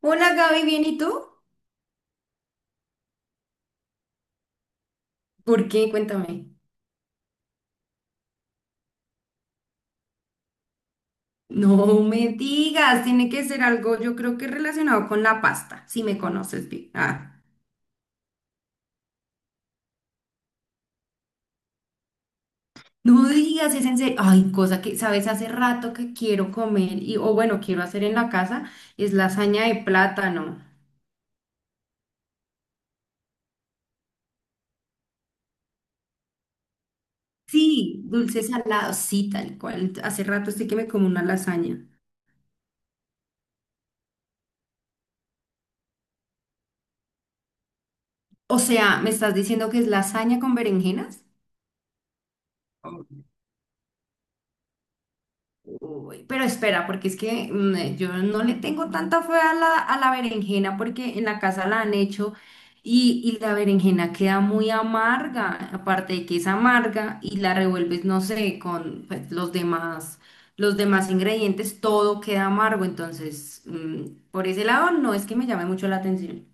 Hola Gaby, ¿bien y tú? ¿Por qué? Cuéntame. No me digas, tiene que ser algo, yo creo que relacionado con la pasta, si me conoces bien. Ah, no digas, es en serio. Ay, cosa que, sabes, hace rato que quiero comer y, o bueno, quiero hacer en la casa, es lasaña de plátano. Sí, dulce salado, sí, tal cual. Hace rato estoy que me como una lasaña. O sea, ¿me estás diciendo que es lasaña con berenjenas? Uy, pero espera, porque es que yo no le tengo tanta fe a la berenjena porque en la casa la han hecho y la berenjena queda muy amarga, aparte de que es amarga y la revuelves, no sé, con pues, los demás ingredientes, todo queda amargo, entonces por ese lado no es que me llame mucho la atención.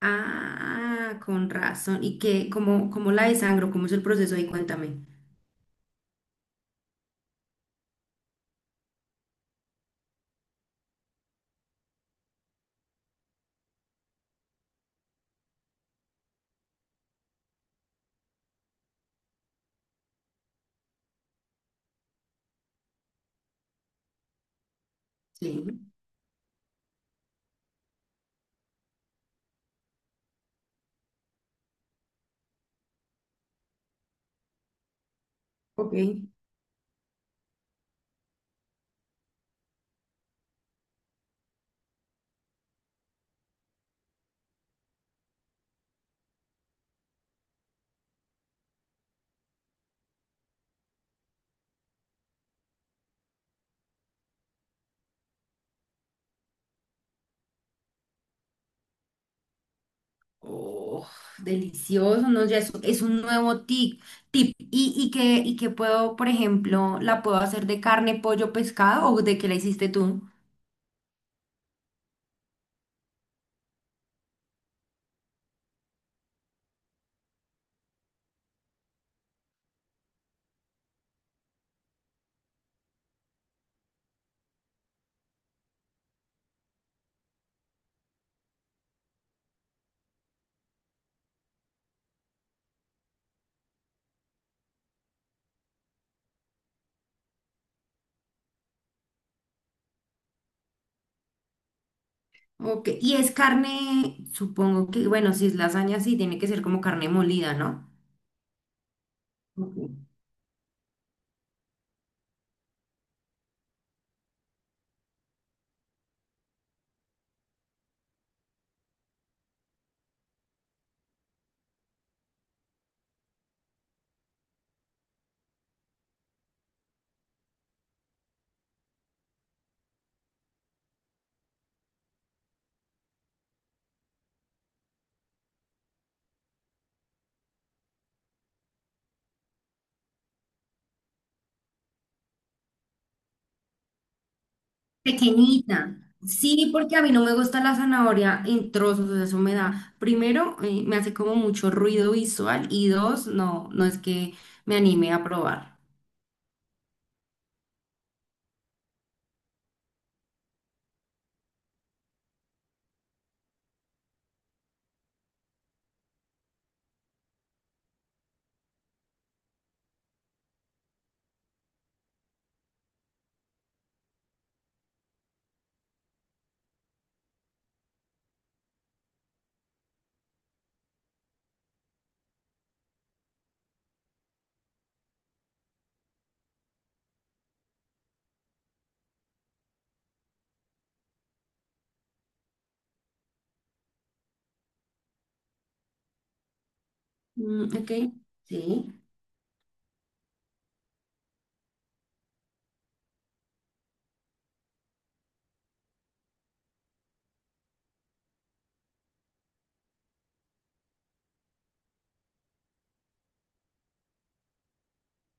Ah, con razón. ¿Y qué, cómo, cómo la desangro? ¿Cómo es el proceso ahí? Cuéntame. Sí, ok. Oh, delicioso, ¿no? Ya es un nuevo tip. Y que puedo, por ejemplo, la puedo hacer de carne, pollo, pescado o de qué la hiciste tú? Ok, y es carne, supongo que, bueno, si es lasaña, sí, tiene que ser como carne molida, ¿no? Ok. Pequeñita. Sí, porque a mí no me gusta la zanahoria en trozos, eso me da, primero, me hace como mucho ruido visual y dos, no, no es que me anime a probar. Ok, sí.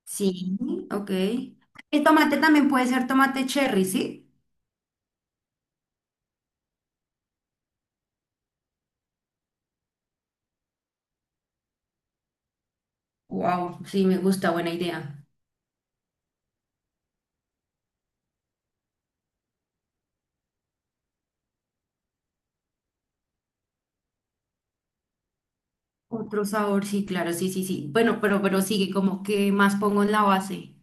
Sí, ok. El tomate también puede ser tomate cherry, ¿sí? Wow, sí, me gusta, buena idea. Otro sabor, sí, claro, sí, sí, sí. Bueno, pero sigue como que más pongo en la base.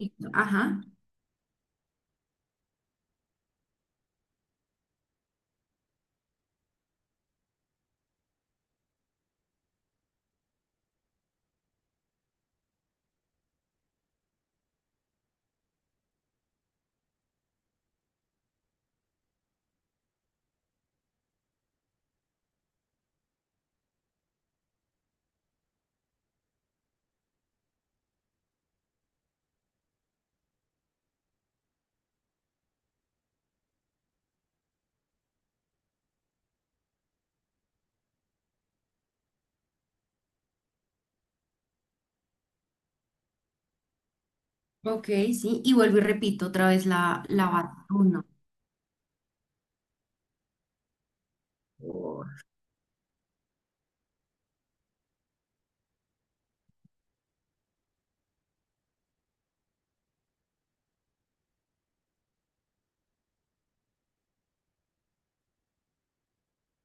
Y- Ajá, ok, sí. Y vuelvo y repito otra vez la base. Uno. Oh,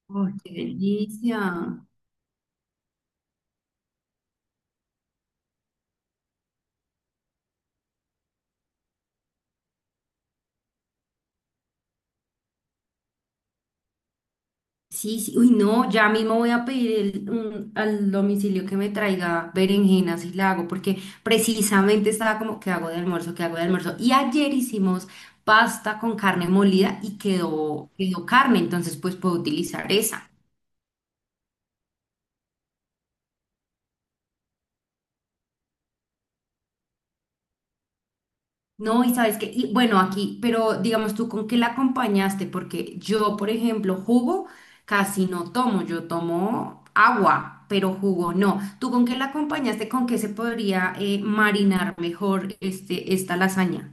oh, qué delicia. Sí, sí, uy, no, ya mismo voy a pedir el- un- al domicilio que me traiga berenjenas y la hago, porque precisamente estaba como, ¿qué hago de almuerzo? ¿Qué hago de almuerzo? Y ayer hicimos pasta con carne molida y quedó carne, entonces pues puedo utilizar esa. No, y sabes que, y bueno, aquí, pero digamos tú, ¿con qué la acompañaste? Porque yo, por ejemplo, jugo casi no tomo, yo tomo agua, pero jugo no. ¿Tú con qué la acompañaste? ¿Con qué se podría marinar mejor este, esta lasaña?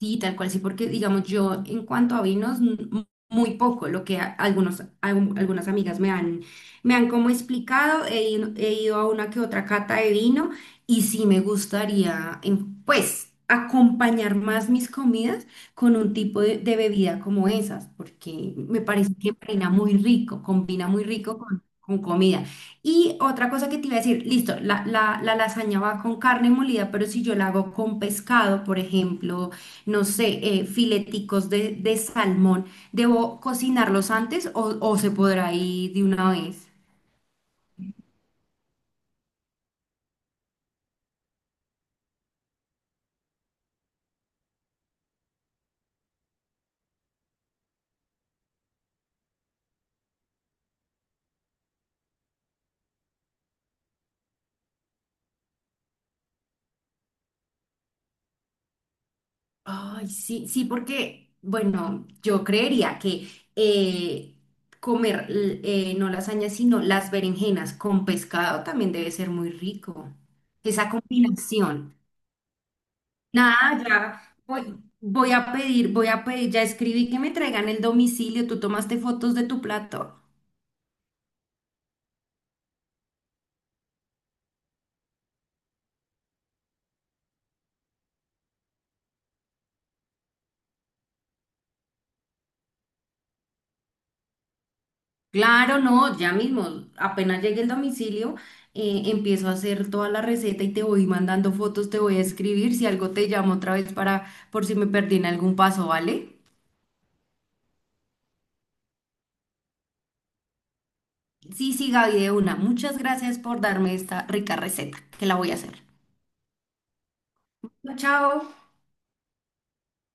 Sí, tal cual, sí, porque digamos, yo en cuanto a vinos, m- muy poco, lo que a- algunos, algún- algunas amigas me han como explicado, he ido a una que otra cata de vino y sí me gustaría, pues, acompañar más mis comidas con un tipo de bebida como esas, porque me parece que combina muy rico con comida. Y otra cosa que te iba a decir, listo, la lasaña va con carne molida, pero si yo la hago con pescado, por ejemplo, no sé, fileticos de salmón, ¿debo cocinarlos antes o se podrá ir de una vez? Ay, sí, sí, porque, bueno, yo creería que eh, comer l- no lasañas, sino las berenjenas con pescado también debe ser muy rico. Esa combinación. Nada, ya voy, voy a pedir, ya escribí que me traigan el domicilio, tú tomaste fotos de tu plato. Claro, no, ya mismo, apenas llegue el domicilio, empiezo a hacer toda la receta y te voy mandando fotos, te voy a escribir, si algo te llamo otra vez para, por si me perdí en algún paso, ¿vale? Sí, sí, Gaby, de una. Muchas gracias por darme esta rica receta, que la voy a hacer. Chao.